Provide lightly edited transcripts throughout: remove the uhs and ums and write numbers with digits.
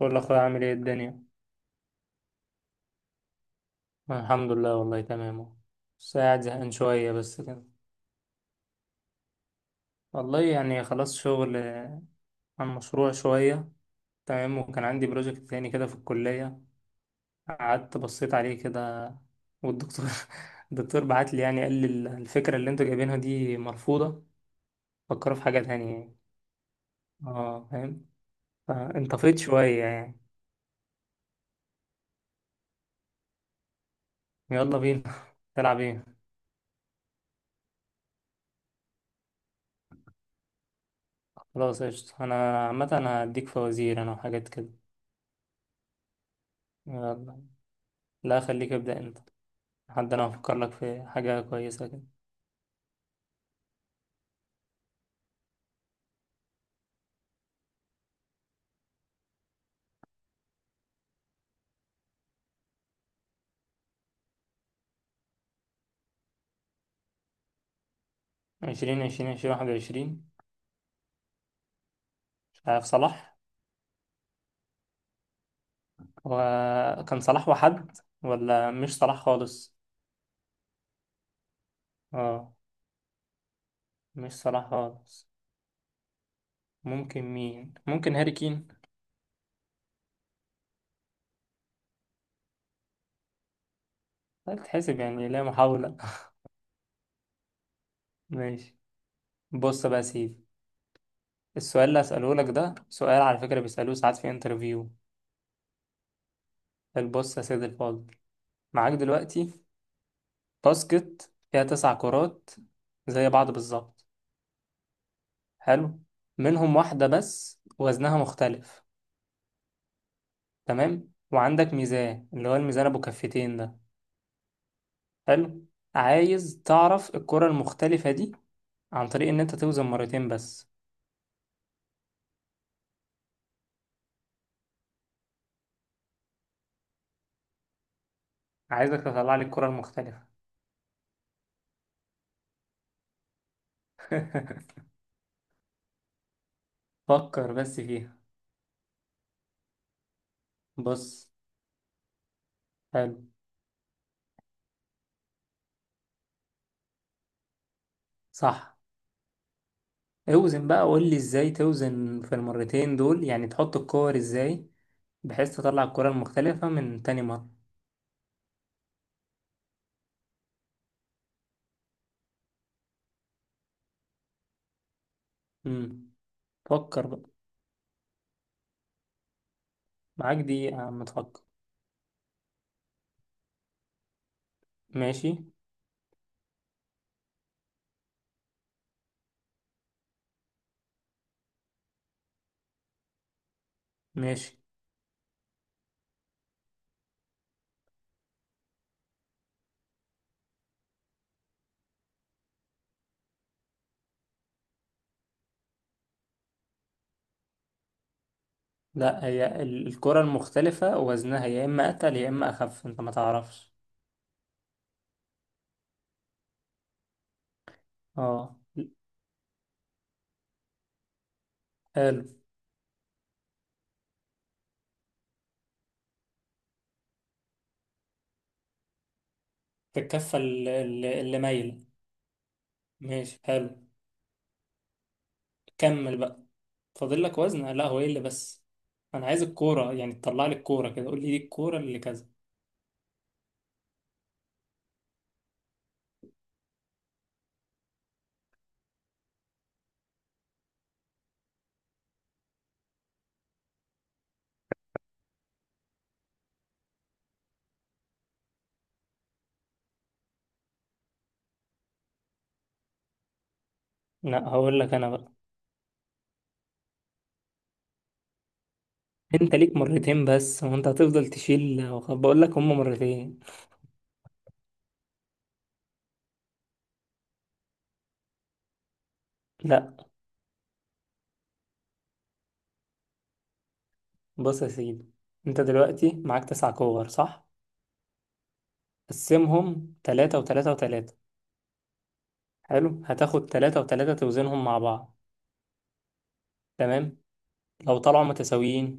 بقول لأخويا عامل ايه الدنيا؟ الحمد لله، والله تمام اهو. بس قاعد زهقان شوية بس كده. والله يعني خلاص شغل، عن مشروع شوية. تمام، وكان عندي بروجكت تاني كده في الكلية، قعدت بصيت عليه كده والدكتور الدكتور بعت لي، يعني قال لي الفكرة اللي انتوا جايبينها دي مرفوضة، فكروا في حاجة تانية يعني. اه، فاهم. فانطفيت شوية يعني. يلا بينا. تلعب ايه؟ خلاص، قشطة، انا عامة انا هديك فوازير انا وحاجات كده. يلا. لا، خليك ابدأ انت. حد، انا هفكر لك في حاجة كويسة كده. 2020، 2021. مش عارف، صلاح. وكان صلاح وحد، ولا مش صلاح خالص. اه، مش صلاح خالص. ممكن مين، ممكن هاري كين. طيب تحسب يعني، لا محاولة. ماشي. بص بقى يا سيدي، السؤال اللي هسأله لك ده سؤال على فكرة بيسألوه ساعات في انترفيو. البص يا سيدي الفاضل، معاك دلوقتي باسكت فيها تسع كرات، زي بعض بالظبط. حلو. منهم واحدة بس وزنها مختلف. تمام، وعندك ميزان، اللي هو الميزان ابو كفتين ده. حلو. عايز تعرف الكرة المختلفة دي عن طريق ان انت توزن مرتين بس. عايزك تطلع لي الكرة المختلفة. فكر بس فيها. بص. حلو. صح. اوزن بقى، قول لي ازاي توزن في المرتين دول، يعني تحط الكور ازاي بحيث تطلع الكرة المختلفة من تاني مرة. امم فكر بقى. معاك دقيقة يا عم تفكر. ماشي. ماشي. لا، هي الكرة المختلفة وزنها يا إما أتقل يا إما أخف، أنت ما تعرفش. اه. حلو. الكفة اللي مايلة. ماشي، حلو. كمل بقى. فاضل لك وزن، لا هو إيه اللي بس. أنا عايز الكورة يعني، تطلع لي الكورة كده، قول لي دي الكورة اللي كذا. لا، هقول لك أنا بقى. أنت ليك مرتين بس، وأنت هتفضل تشيل بقول لك هما مرتين. لا. بص يا سيدي، أنت دلوقتي معاك تسع كور صح؟ قسمهم تلاتة وتلاتة وتلاتة. حلو، هتاخد تلاتة وتلاتة توزنهم مع بعض. تمام. لو طلعوا متساويين،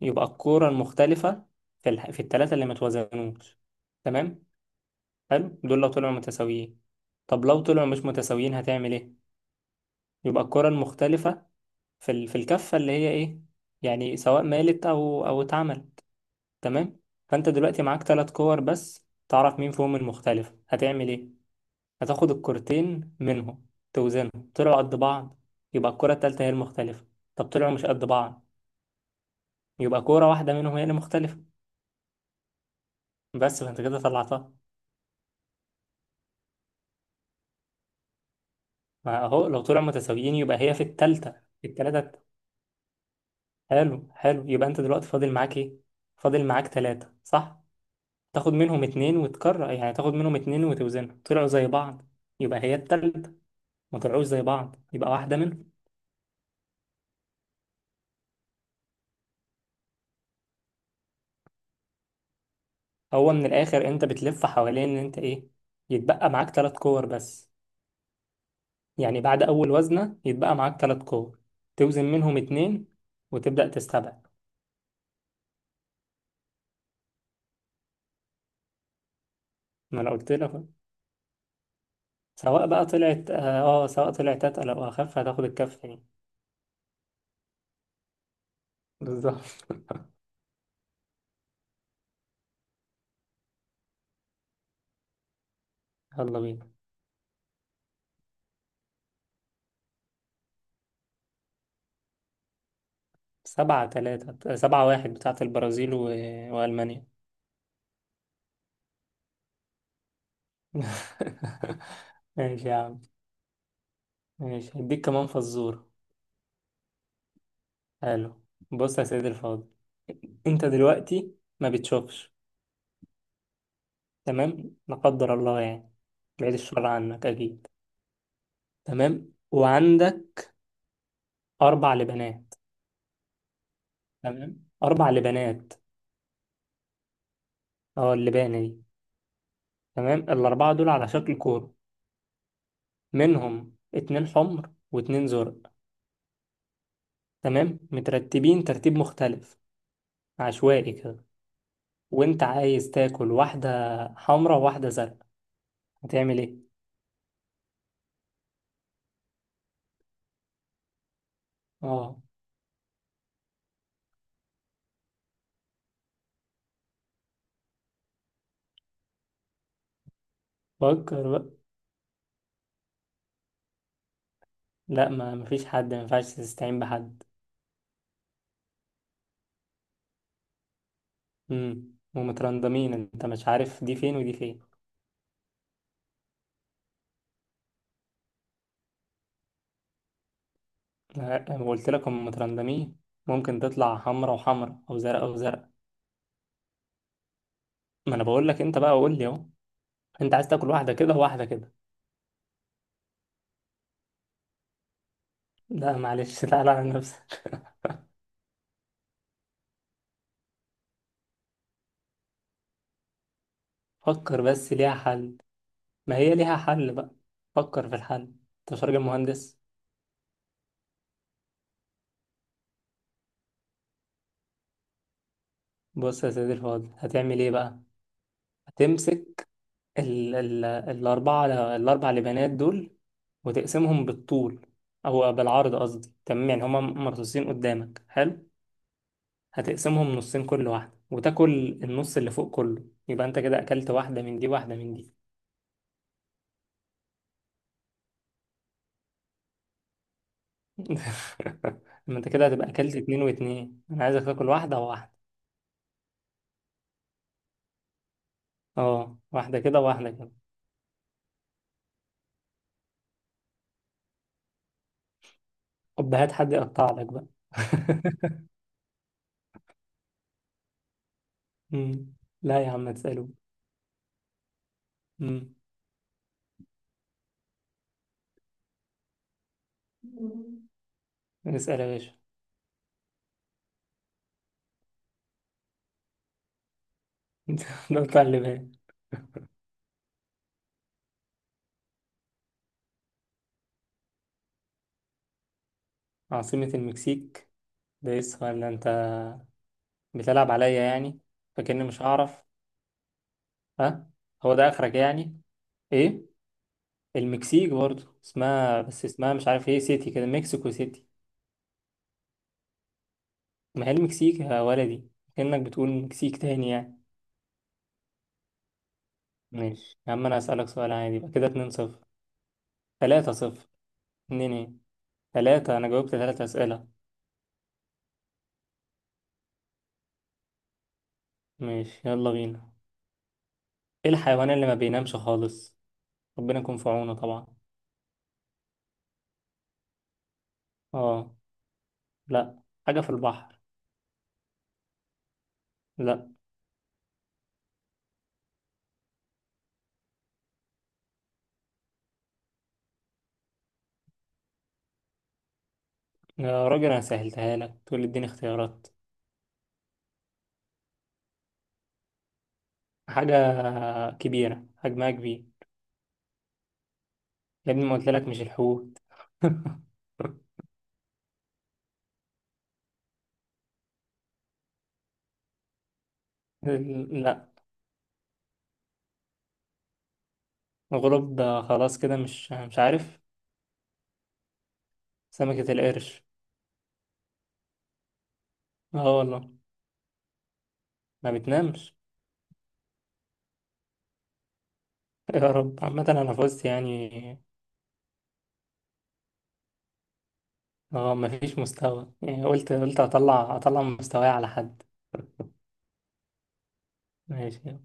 يبقى الكورة المختلفة في التلاتة اللي متوازنوش. تمام. حلو، دول لو طلعوا متساويين. طب لو طلعوا مش متساويين، هتعمل ايه؟ يبقى الكورة المختلفة في الكفة اللي هي ايه، يعني سواء مالت او اتعمل. تمام. فانت دلوقتي معاك تلات كور بس، تعرف مين فيهم المختلفة، هتعمل ايه؟ هتاخد الكرتين منهم، توزنهم طلعوا قد بعض يبقى الكرة التالتة هي المختلفة. طب طلعوا مش قد بعض، يبقى كرة واحدة منهم هي اللي مختلفة بس. فانت كده طلعتها. ما اهو لو طلعوا متساويين يبقى هي في التالتة. في التلاتة. حلو، حلو، يبقى انت دلوقتي فاضل معاك ايه؟ فاضل معاك تلاتة صح. تاخد منهم اتنين وتكرر، يعني تاخد منهم اتنين وتوزنهم، طلعوا زي بعض يبقى هي التالتة، ما طلعوش زي بعض يبقى واحدة منهم. هو من الآخر انت بتلف حوالين ان انت ايه، يتبقى معاك تلات كور بس، يعني بعد أول وزنة يتبقى معاك تلات كور، توزن منهم اتنين وتبدأ تستبعد. ما أنا قلت لك أهو. سواء بقى طلعت آه آه، سواء طلعت أتقل أو أخف هتاخد الكف يعني. بالظبط. يلا بينا. 7-3، 7-1، بتاعة البرازيل وألمانيا. ماشي يا عم. ماشي، هديك كمان فزورة. حلو. بص يا سيدي الفاضل، أنت دلوقتي ما بتشوفش. تمام، لا قدر الله يعني، بعيد الشر عنك أكيد. تمام، وعندك أربع لبنات. تمام، أربع لبانات. أه، اللبانة دي. تمام، الأربعة دول على شكل كورة، منهم اتنين حمر واتنين زرق. تمام، مترتبين ترتيب مختلف، عشوائي كده. وأنت عايز تاكل واحدة حمرا وواحدة زرق، هتعمل إيه؟ أه فكر بقى. لا، ما مفيش حد، ما ينفعش تستعين بحد. ومترندمين، أنت مش عارف دي فين ودي فين. لا، أنا قلت لك هم مترندمين، ممكن تطلع حمرا وحمرا أو زرق أو زرق. ما أنا بقول لك أنت بقى، قول لي أهو. انت عايز تاكل واحدة كده واحدة كده. لا معلش، تعالى على نفسك. فكر بس ليها حل، ما هي ليها حل بقى، فكر في الحل، انت مش راجل مهندس. بص يا سيدي الفاضل، هتعمل ايه بقى؟ هتمسك ال ال الأربعة، الأربع لبنات دول، وتقسمهم بالطول أو بالعرض قصدي، تمام يعني هما مرصوصين قدامك حلو. هتقسمهم نصين كل واحدة، وتاكل النص اللي فوق كله، يبقى انت كده أكلت واحدة من دي واحدة من دي. ما انت كده هتبقى اكلت اتنين واتنين، انا عايزك تاكل واحدة وواحدة. اه، واحدة كده وواحدة كده. طب هات حد يقطع لك بقى. مم. لا يا عم، ما تسأله. مم. اسأل يا باشا. انت، قطع اللي بالك. عاصمة المكسيك. ده ايه السؤال ده؟ انت بتلعب عليا يعني، فكأني مش هعرف. ها. هو ده اخرك يعني؟ ايه؟ المكسيك برضه اسمها، بس اسمها مش عارف ايه سيتي كده، مكسيكو سيتي. ما هي المكسيك يا ولدي، كأنك بتقول مكسيك تاني يعني. ماشي يا عم، انا هسألك سؤال عادي، يبقى كده 2-0. 3-0. اتنين ايه؟ تلاتة، انا جاوبت تلاتة اسئلة. ماشي، يلا بينا. ايه الحيوان اللي ما بينامش خالص؟ ربنا يكون في عونه طبعا. اه. لا، حاجة في البحر. لا، يا راجل انا سهلتها لك تقول لي اديني اختيارات. حاجة كبيرة، حجمها كبير. يا ابني ما قلت لك مش الحوت. لا. الغراب ده خلاص كده، مش عارف. سمكة القرش. اه والله. ما بتنامش. يا رب. عامة أنا فزت يعني. اه، مفيش مستوى يعني، قلت اطلع مستواي على حد. ماشي.